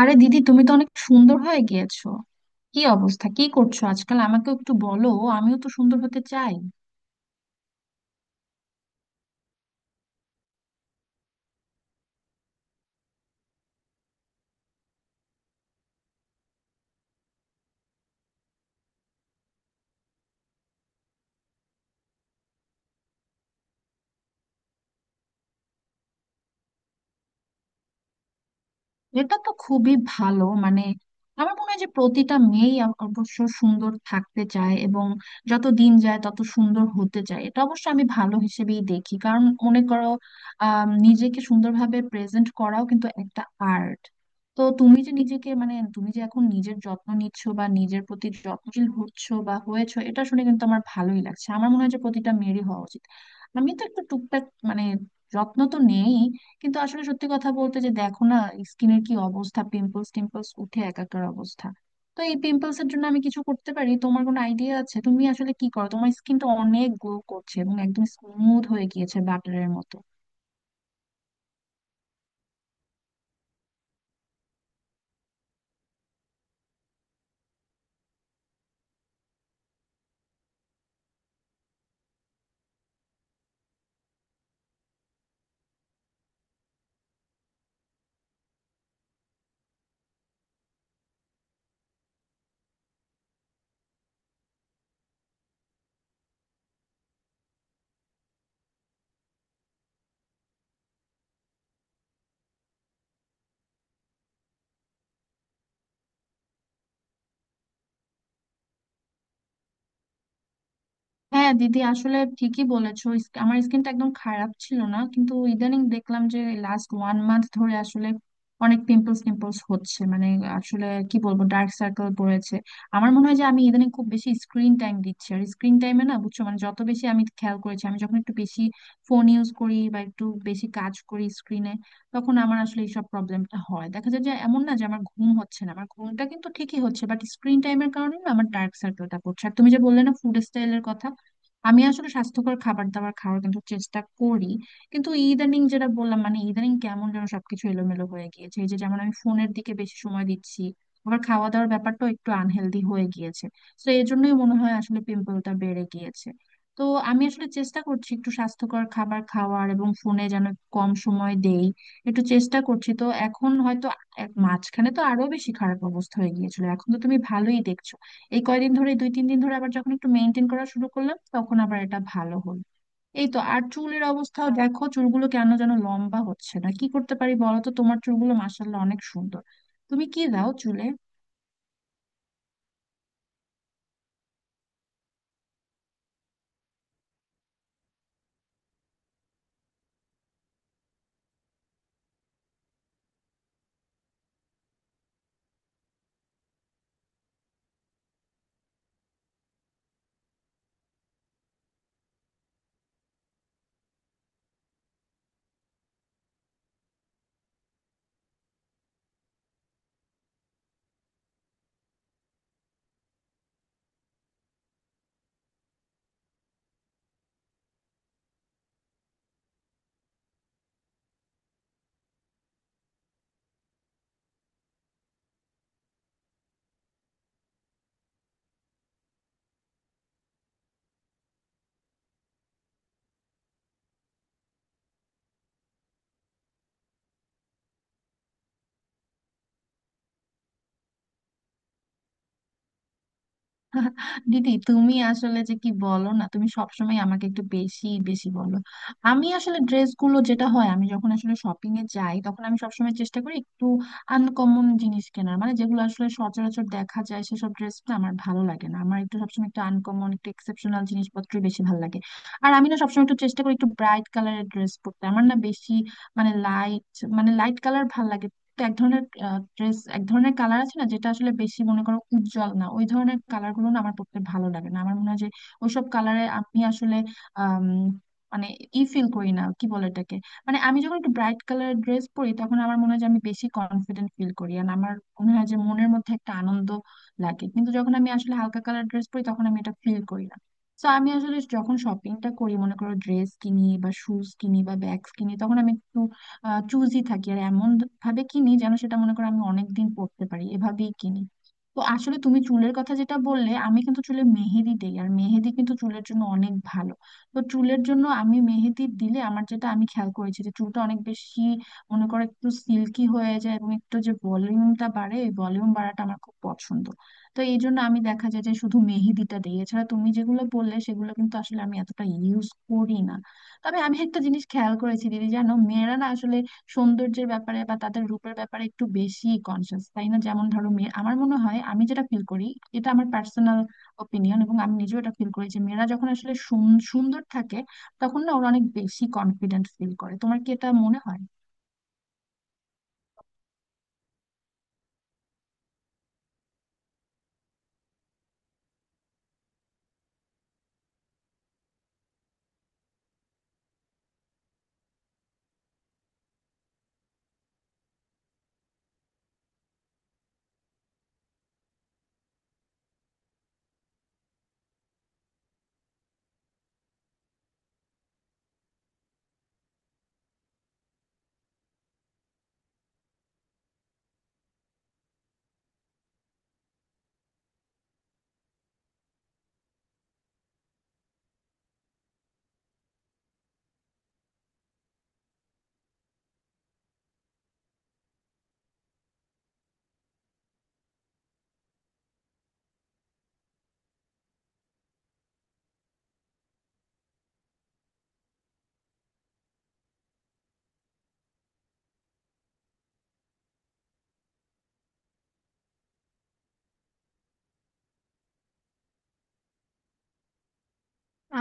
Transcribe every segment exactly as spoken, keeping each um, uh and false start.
আরে দিদি, তুমি তো অনেক সুন্দর হয়ে গিয়েছো। কি অবস্থা, কি করছো আজকাল? আমাকেও একটু বলো, আমিও তো সুন্দর হতে চাই। এটা তো খুবই ভালো। মানে আমার মনে হয় যে প্রতিটা মেয়েই অ- অবশ্য সুন্দর থাকতে চায়, এবং যত দিন যায় তত সুন্দর হতে চায়। এটা অবশ্য আমি ভালো হিসেবেই দেখি, কারণ মনে করো আহ নিজেকে সুন্দরভাবে প্রেজেন্ট করাও কিন্তু একটা আর্ট। তো তুমি যে নিজেকে, মানে তুমি যে এখন নিজের যত্ন নিচ্ছ বা নিজের প্রতি যত্নশীল হচ্ছ বা হয়েছো, এটা শুনে কিন্তু আমার ভালোই লাগছে। আমার মনে হয় যে প্রতিটা মেয়েরই হওয়া উচিত। আমি তো একটু টুকটাক মানে যত্ন তো নেই, কিন্তু আসলে সত্যি কথা বলতে যে দেখো না, স্কিনের কি অবস্থা, পিম্পলস টিম্পলস উঠে একাকার অবস্থা। তো এই পিম্পলস এর জন্য আমি কিছু করতে পারি? তোমার কোনো আইডিয়া আছে? তুমি আসলে কি করো? তোমার স্কিনটা অনেক গ্লো করছে এবং একদম স্মুথ হয়ে গিয়েছে বাটারের মতো। হ্যাঁ দিদি, আসলে ঠিকই বলেছো। ইস- আমার স্কিনটা একদম খারাপ ছিল না, কিন্তু ইদানিং দেখলাম যে লাস্ট ওয়ান মান্থ ধরে আসলে অনেক পিম্পলস টিম্পলস হচ্ছে। মানে আসলে কি বলবো, ডার্ক সার্কেল পড়েছে। আমার মনে হয় যে আমি ইদানিং খুব বেশি স্ক্রিন টাইম দিচ্ছি, আর স্ক্রিন টাইমে না, বুঝছো, মানে যত বেশি আমি খেয়াল করেছি, আমি যখন একটু বেশি ফোন ইউজ করি বা একটু বেশি কাজ করি স্ক্রিনে, তখন আমার আসলে এইসব প্রবলেমটা হয়, দেখা যায় যে এমন না যে আমার ঘুম হচ্ছে না, আমার ঘুমটা কিন্তু ঠিকই হচ্ছে, বাট স্ক্রিন টাইমের কারণে না আমার ডার্ক সার্কেলটা পড়ছে। আর তুমি যে বললে না ফুড স্টাইলের কথা, আমি আসলে স্বাস্থ্যকর খাবার দাবার খাওয়ার কিন্তু চেষ্টা করি, কিন্তু ইদানিং যেটা বললাম, মানে ইদানিং কেমন যেন সবকিছু এলোমেলো হয়ে গিয়েছে। এই যে যেমন আমি ফোনের দিকে বেশি সময় দিচ্ছি, আবার খাওয়া দাওয়ার ব্যাপারটাও একটু আনহেলদি হয়ে গিয়েছে, তো এই জন্যই মনে হয় আসলে পিম্পলটা বেড়ে গিয়েছে। তো আমি আসলে চেষ্টা করছি একটু স্বাস্থ্যকর খাবার খাওয়ার এবং ফোনে যেন কম সময় দেই। একটু চেষ্টা করছি, তো এখন হয়তো এক- মাঝখানে তো আরো বেশি খারাপ অবস্থা হয়ে গিয়েছিল, এখন তো তুমি ভালোই দেখছো। এই কয়দিন ধরে, দুই তিন দিন ধরে আবার যখন একটু মেনটেন করা শুরু করলাম তখন আবার এটা ভালো হলো। এই তো। আর চুলের অবস্থাও দেখো, চুলগুলো কেন যেন লম্বা হচ্ছে না, কি করতে পারি বলো তো? তোমার চুলগুলো মাশাআল্লাহ অনেক সুন্দর, তুমি কি দাও চুলে? দিদি তুমি আসলে যে কি বলো না, তুমি সবসময় আমাকে একটু বেশি বেশি বলো। আমি আসলে ড্রেসগুলো যেটা হয়, আমি যখন আসলে শপিং এ যাই তখন আমি সবসময় চেষ্টা করি একটু আনকমন জিনিস কেনার, মানে যেগুলো আসলে সচরাচর দেখা যায় সেসব ড্রেস না আমার ভালো লাগে না, আমার একটু সবসময় একটু আনকমন একটু এক্সেপশনাল জিনিসপত্রই বেশি ভালো লাগে। আর আমি না সবসময় একটু চেষ্টা করি একটু ব্রাইট কালারের ড্রেস পরতে, আমার না বেশি মানে লাইট মানে লাইট কালার ভালো লাগে না। তো এক ধরনের ড্রেস, এক ধরনের কালার আছে না, যেটা আসলে বেশি মনে করো উজ্জ্বল না, ওই ধরনের কালার গুলো না আমার পড়তে ভালো লাগে না। আমার মনে হয় যে ওইসব কালারে আমি আসলে আম, মানে ই ফিল করি না, কি বলে এটাকে, মানে আমি যখন একটু ব্রাইট কালারের ড্রেস পরি তখন আমার মনে হয় যে আমি বেশি কনফিডেন্ট ফিল করি, আর আমার মনে হয় যে মনের মধ্যে একটা আনন্দ লাগে। কিন্তু যখন আমি আসলে হালকা কালার ড্রেস পরি তখন আমি এটা ফিল করি না। তো আমি আসলে যখন শপিংটা করি, মনে করো ড্রেস কিনি বা শুজ কিনি বা ব্যাগস কিনি, তখন আমি একটু চুজই থাকি, আর এমন ভাবে কিনি যেন সেটা, মনে করো, আমি অনেকদিন পরতে পারি, এভাবেই কিনি। তো আসলে তুমি চুলের কথা যেটা বললে, আমি কিন্তু চুলে মেহেদি দেই, আর মেহেদি কিন্তু চুলের জন্য অনেক ভালো। তো চুলের জন্য আমি মেহেদি দিলে আমার যেটা আমি খেয়াল করেছি যে চুলটা অনেক বেশি, মনে করো, একটু সিল্কি হয়ে যায় এবং একটু যে ভলিউমটা বাড়ে, এই ভলিউম বাড়াটা আমার খুব পছন্দ। তো এই জন্য আমি, দেখা যায় যে, শুধু মেহেদিটা দিই, এছাড়া তুমি যেগুলো বললে সেগুলো কিন্তু আসলে আমি এতটা ইউজ করি না। তবে আমি একটা জিনিস খেয়াল করেছি দিদি জানো, মেয়েরা না আসলে সৌন্দর্যের ব্যাপারে বা তাদের রূপের ব্যাপারে একটু বেশি কনসিয়াস, তাই না? যেমন ধরো মেয়ে, আমার মনে হয়, আমি যেটা ফিল করি এটা আমার পার্সোনাল ওপিনিয়ন, এবং আমি নিজেও এটা ফিল করি যে মেয়েরা যখন আসলে সুন- সুন্দর থাকে তখন না ওরা অনেক বেশি কনফিডেন্ট ফিল করে। তোমার কি এটা মনে হয়?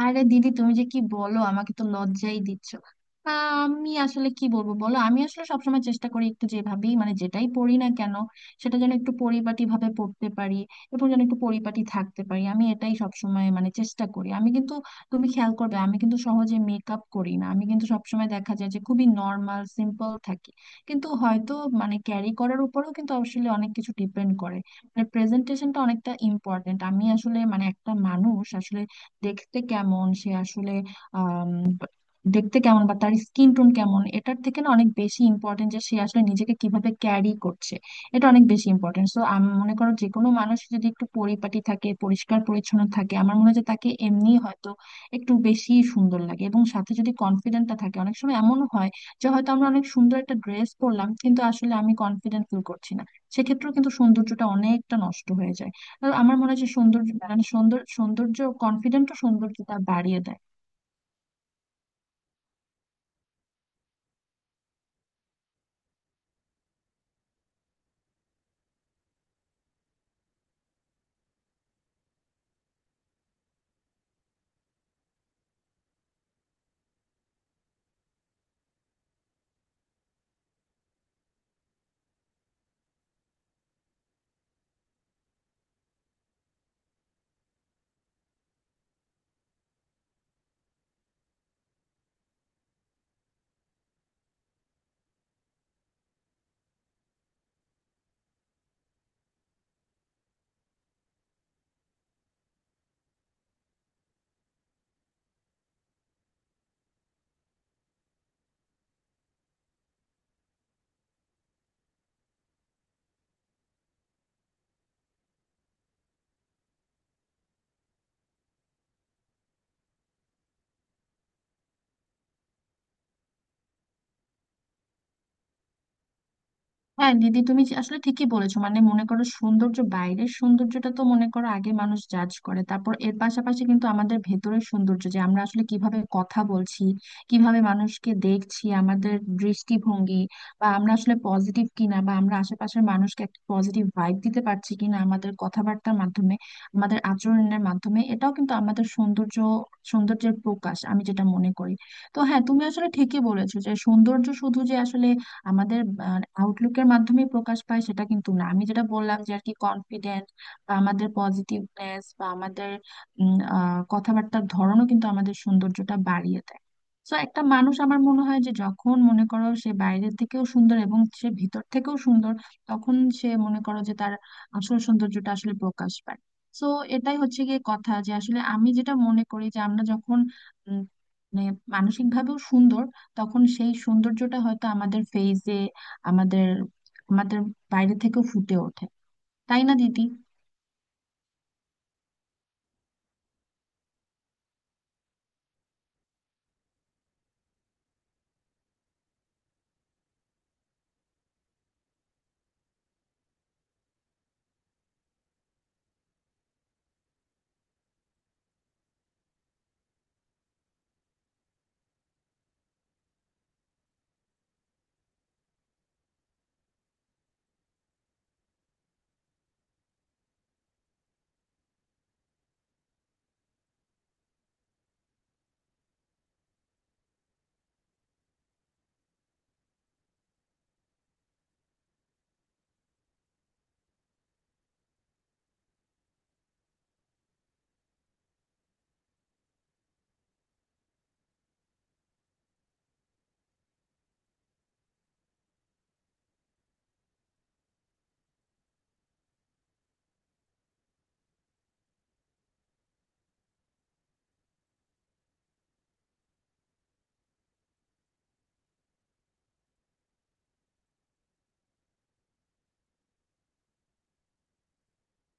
আরে দিদি তুমি যে কি বলো, আমাকে তো লজ্জাই দিচ্ছ। আহ, আমি আসলে কি বলবো বলো, আমি আসলে সবসময় চেষ্টা করি একটু যেভাবেই, মানে যেটাই পড়ি না কেন সেটা যেন একটু পরিপাটি ভাবে পড়তে পারি এবং যেন একটু পরিপাটি থাকতে পারি, আমি এটাই সবসময় মানে চেষ্টা করি। আমি কিন্তু, তুমি খেয়াল করবে, আমি কিন্তু সহজে মেকআপ করি না, আমি কিন্তু সবসময় দেখা যায় যে খুবই নর্মাল সিম্পল থাকি। কিন্তু হয়তো, মানে, ক্যারি করার উপরেও কিন্তু আসলে অনেক কিছু ডিপেন্ড করে। মানে প্রেজেন্টেশনটা অনেকটা ইম্পর্টেন্ট। আমি আসলে মানে একটা মানুষ আসলে দেখতে কেমন, সে আসলে আহ দেখতে কেমন বা তার স্কিন টোন কেমন, এটার থেকে না অনেক বেশি ইম্পর্টেন্ট যে সে আসলে নিজেকে কিভাবে ক্যারি করছে, এটা অনেক বেশি ইম্পর্টেন্ট। সো আমি মনে করো যে কোনো মানুষ যদি একটু পরিপাটি থাকে, পরিষ্কার পরিচ্ছন্ন থাকে, আমার মনে হয় যে তাকে এমনি হয়তো একটু বেশি সুন্দর লাগে। এবং সাথে যদি কনফিডেন্টটা থাকে, অনেক সময় এমনও হয় যে হয়তো আমরা অনেক সুন্দর একটা ড্রেস পরলাম কিন্তু আসলে আমি কনফিডেন্ট ফিল করছি না, সেক্ষেত্রেও কিন্তু সৌন্দর্যটা অনেকটা নষ্ট হয়ে যায়। তো আমার মনে হয় যে সৌন্দর্য, মানে সৌন্দর সৌন্দর্য কনফিডেন্ট সৌন্দর্যটা বাড়িয়ে দেয়। হ্যাঁ দিদি, তুমি যে- আসলে ঠিকই বলেছো, মানে মনে করো সৌন্দর্য, বাইরের সৌন্দর্যটা তো, মনে করো, আগে মানুষ জাজ করে, তারপর এর পাশাপাশি কিন্তু আমাদের ভেতরের সৌন্দর্য, যে আমরা আসলে কিভাবে কথা বলছি, কিভাবে মানুষকে দেখছি, আমাদের দৃষ্টিভঙ্গি, বা আমরা আসলে পজিটিভ কিনা, বা আমরা আশেপাশের মানুষকে একটা পজিটিভ ভাইব দিতে পারছি কিনা আমাদের কথাবার্তার মাধ্যমে, আমাদের আচরণের মাধ্যমে, এটাও কিন্তু আমাদের সৌন্দর্য, সৌন্দর্যের প্রকাশ, আমি যেটা মনে করি। তো হ্যাঁ, তুমি আসলে ঠিকই বলেছো যে সৌন্দর্য শুধু যে আসলে আমাদের আউটলুকের মাধ্যমে প্রকাশ পায় সেটা কিন্তু না, আমি যেটা বললাম যে আর কি, কনফিডেন্ট বা আমাদের পজিটিভনেস বা আমাদের উম, আহ, কথাবার্তার ধরনও কিন্তু আমাদের সৌন্দর্যটা বাড়িয়ে দেয়। তো একটা মানুষ, আমার মনে হয় যে, যখন মনে করো সে বাইরের থেকেও সুন্দর এবং সে ভিতর থেকেও সুন্দর, তখন সে, মনে করো যে, তার আসল সৌন্দর্যটা আসলে প্রকাশ পায়। তো এটাই হচ্ছে গিয়ে কথা যে আসলে আমি যেটা মনে করি যে আমরা যখন উম, মানে মানসিক ভাবেও সুন্দর, তখন সেই সৌন্দর্যটা হয়তো আমাদের ফেইসে, আমাদের আমাদের বাইরে থেকেও ফুটে ওঠে, তাই না দিদি?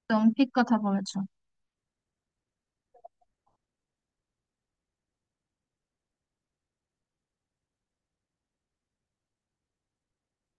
একদম ঠিক কথা বলেছ।